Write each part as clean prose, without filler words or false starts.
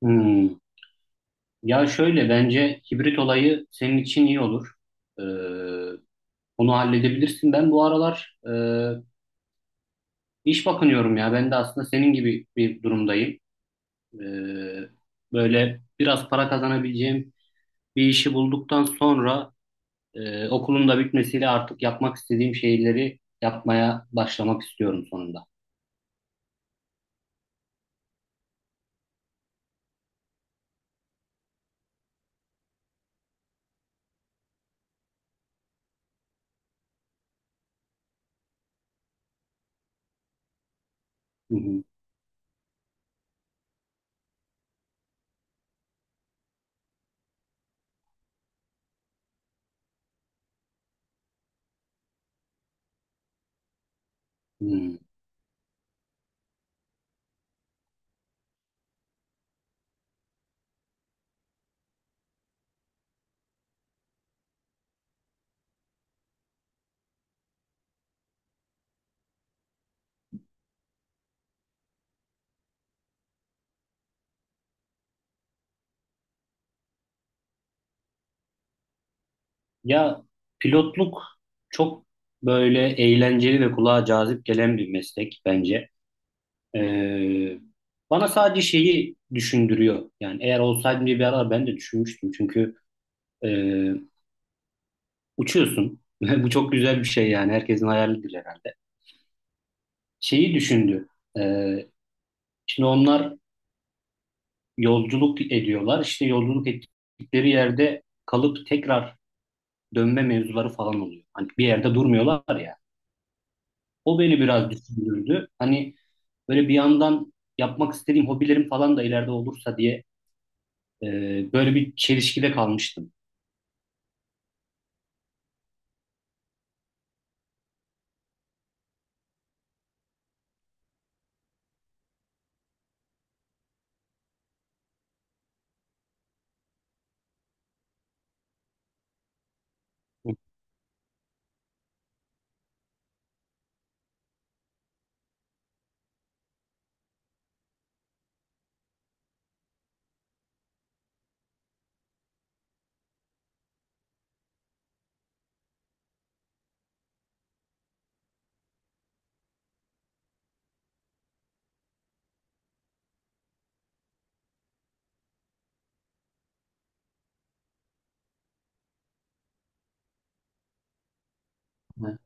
Hmm. Ya şöyle, bence hibrit olayı senin için iyi olur. Ee, Onu halledebilirsin. Ben bu aralar iş bakınıyorum ya. Ben de aslında senin gibi bir durumdayım. Ee, Böyle biraz para kazanabileceğim bir işi bulduktan sonra, okulun da bitmesiyle artık yapmak istediğim şeyleri yapmaya başlamak istiyorum sonunda. Hı hı. Hmm. Ya pilotluk çok böyle eğlenceli ve kulağa cazip gelen bir meslek bence. Ee, Bana sadece şeyi düşündürüyor. Yani eğer olsaydım diye bir ara ben de düşünmüştüm. Çünkü e, uçuyorsun. Bu çok güzel bir şey yani. Herkesin hayalidir herhalde. Şeyi düşündü. Ee, Şimdi onlar yolculuk ediyorlar. İşte yolculuk ettikleri yerde kalıp tekrar dönme mevzuları falan oluyor. Hani bir yerde durmuyorlar ya. O beni biraz düşündürdü. Hani böyle bir yandan yapmak istediğim hobilerim falan da ileride olursa diye, e, böyle bir çelişkide kalmıştım. Hı.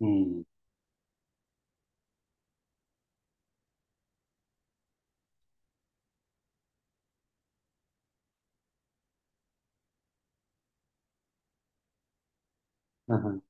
Hmm. Hı hı.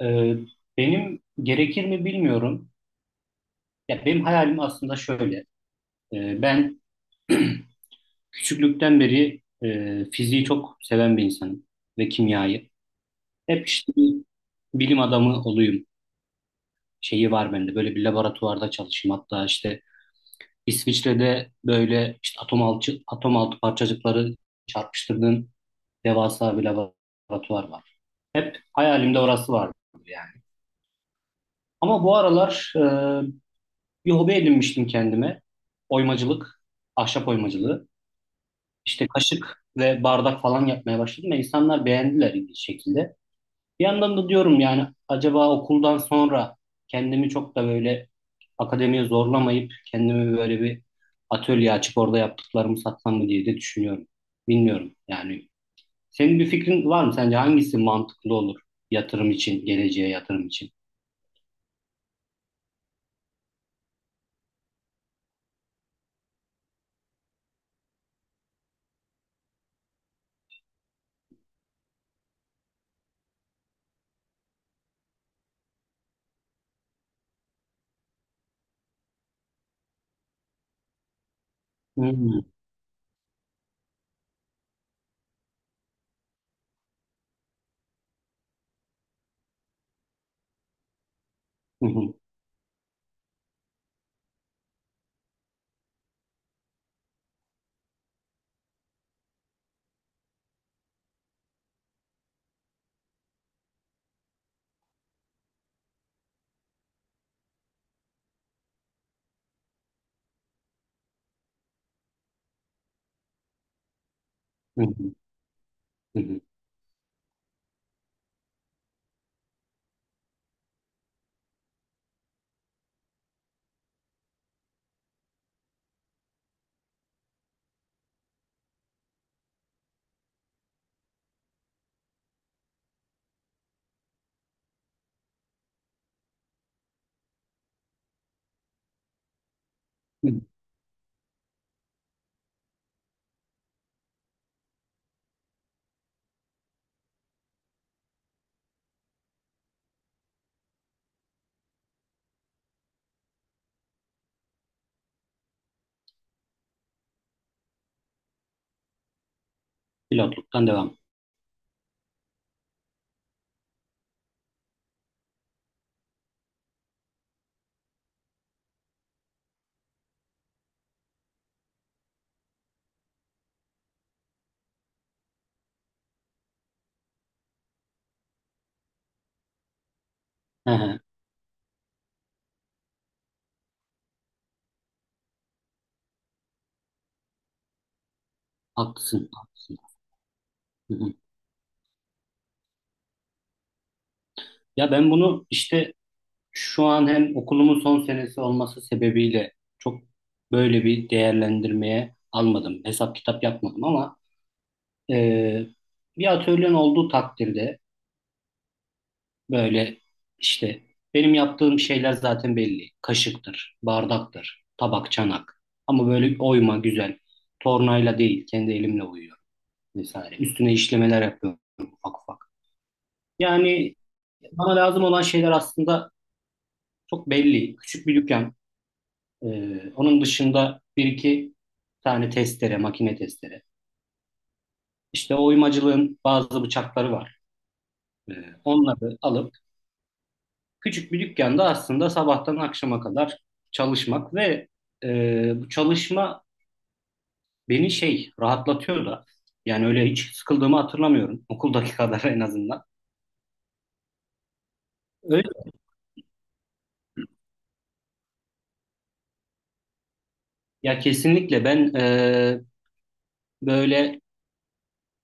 Ee, Benim gerekir mi bilmiyorum. Ya benim hayalim aslında şöyle. Ben küçüklükten beri fiziği çok seven bir insanım ve kimyayı. Hep işte bir bilim adamı olayım şeyi var bende. Böyle bir laboratuvarda çalışayım. Hatta işte İsviçre'de böyle işte atom altı, atom altı parçacıkları çarpıştırdığın devasa bir laboratuvar var. Hayalimde orası vardı yani. Ama bu aralar bir hobi edinmiştim kendime. Oymacılık, ahşap oymacılığı. İşte kaşık ve bardak falan yapmaya başladım ve insanlar beğendiler ilginç şekilde. Bir yandan da diyorum yani acaba okuldan sonra kendimi çok da böyle akademiye zorlamayıp kendimi böyle bir atölye açıp orada yaptıklarımı satsam mı diye de düşünüyorum. Bilmiyorum yani. Senin bir fikrin var mı? Sence hangisi mantıklı olur yatırım için, geleceğe yatırım için? Hmm. Hı hı, hı hı, hı hı. Hı. Pilotluktan devam. Hı hı. Haklısın, haklısın. Hı hı. Ya ben bunu işte şu an hem okulumun son senesi olması sebebiyle çok böyle bir değerlendirmeye almadım. Hesap kitap yapmadım ama e, bir atölyen olduğu takdirde böyle işte benim yaptığım şeyler zaten belli. Kaşıktır, bardaktır, tabak, çanak. Ama böyle oyma güzel. Tornayla değil, kendi elimle oyuyorum vesaire. Üstüne işlemeler yapıyorum ufak ufak. Yani bana lazım olan şeyler aslında çok belli. Küçük bir dükkan. Onun dışında bir iki tane testere, makine testere. İşte oymacılığın bazı bıçakları var. Ee, Onları alıp küçük bir dükkanda aslında sabahtan akşama kadar çalışmak ve bu çalışma beni şey rahatlatıyor da. Yani öyle hiç sıkıldığımı hatırlamıyorum. Okuldaki kadar en azından. Öyle. Ya kesinlikle ben, böyle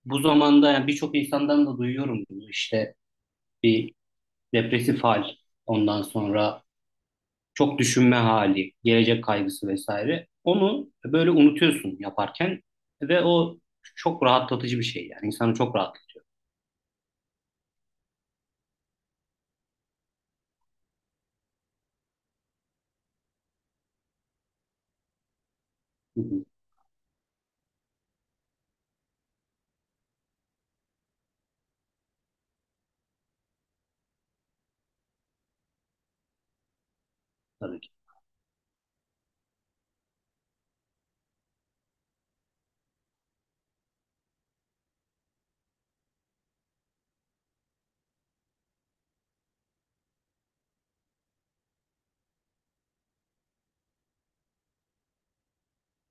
bu zamanda yani birçok insandan da duyuyorum bunu, işte bir depresif hal, ondan sonra çok düşünme hali, gelecek kaygısı vesaire. Onu böyle unutuyorsun yaparken ve o çok rahatlatıcı bir şey yani, insanı çok rahatlatıyor. Hı hı. Tabii ki.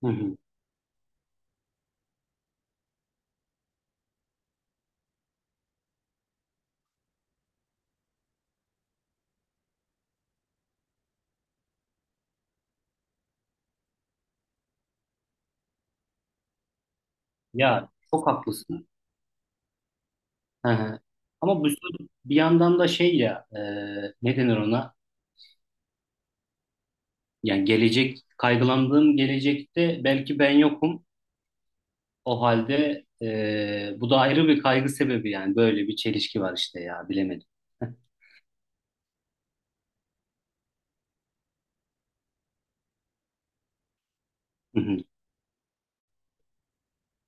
Hı hı. Ya çok haklısın. Hı hı. Ama bu bir yandan da şey ya, ne denir ona? Yani gelecek kaygılandığım gelecekte belki ben yokum. O halde bu da ayrı bir kaygı sebebi yani, böyle bir çelişki var işte ya, bilemedim.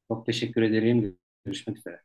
Çok teşekkür ederim. Görüşmek üzere.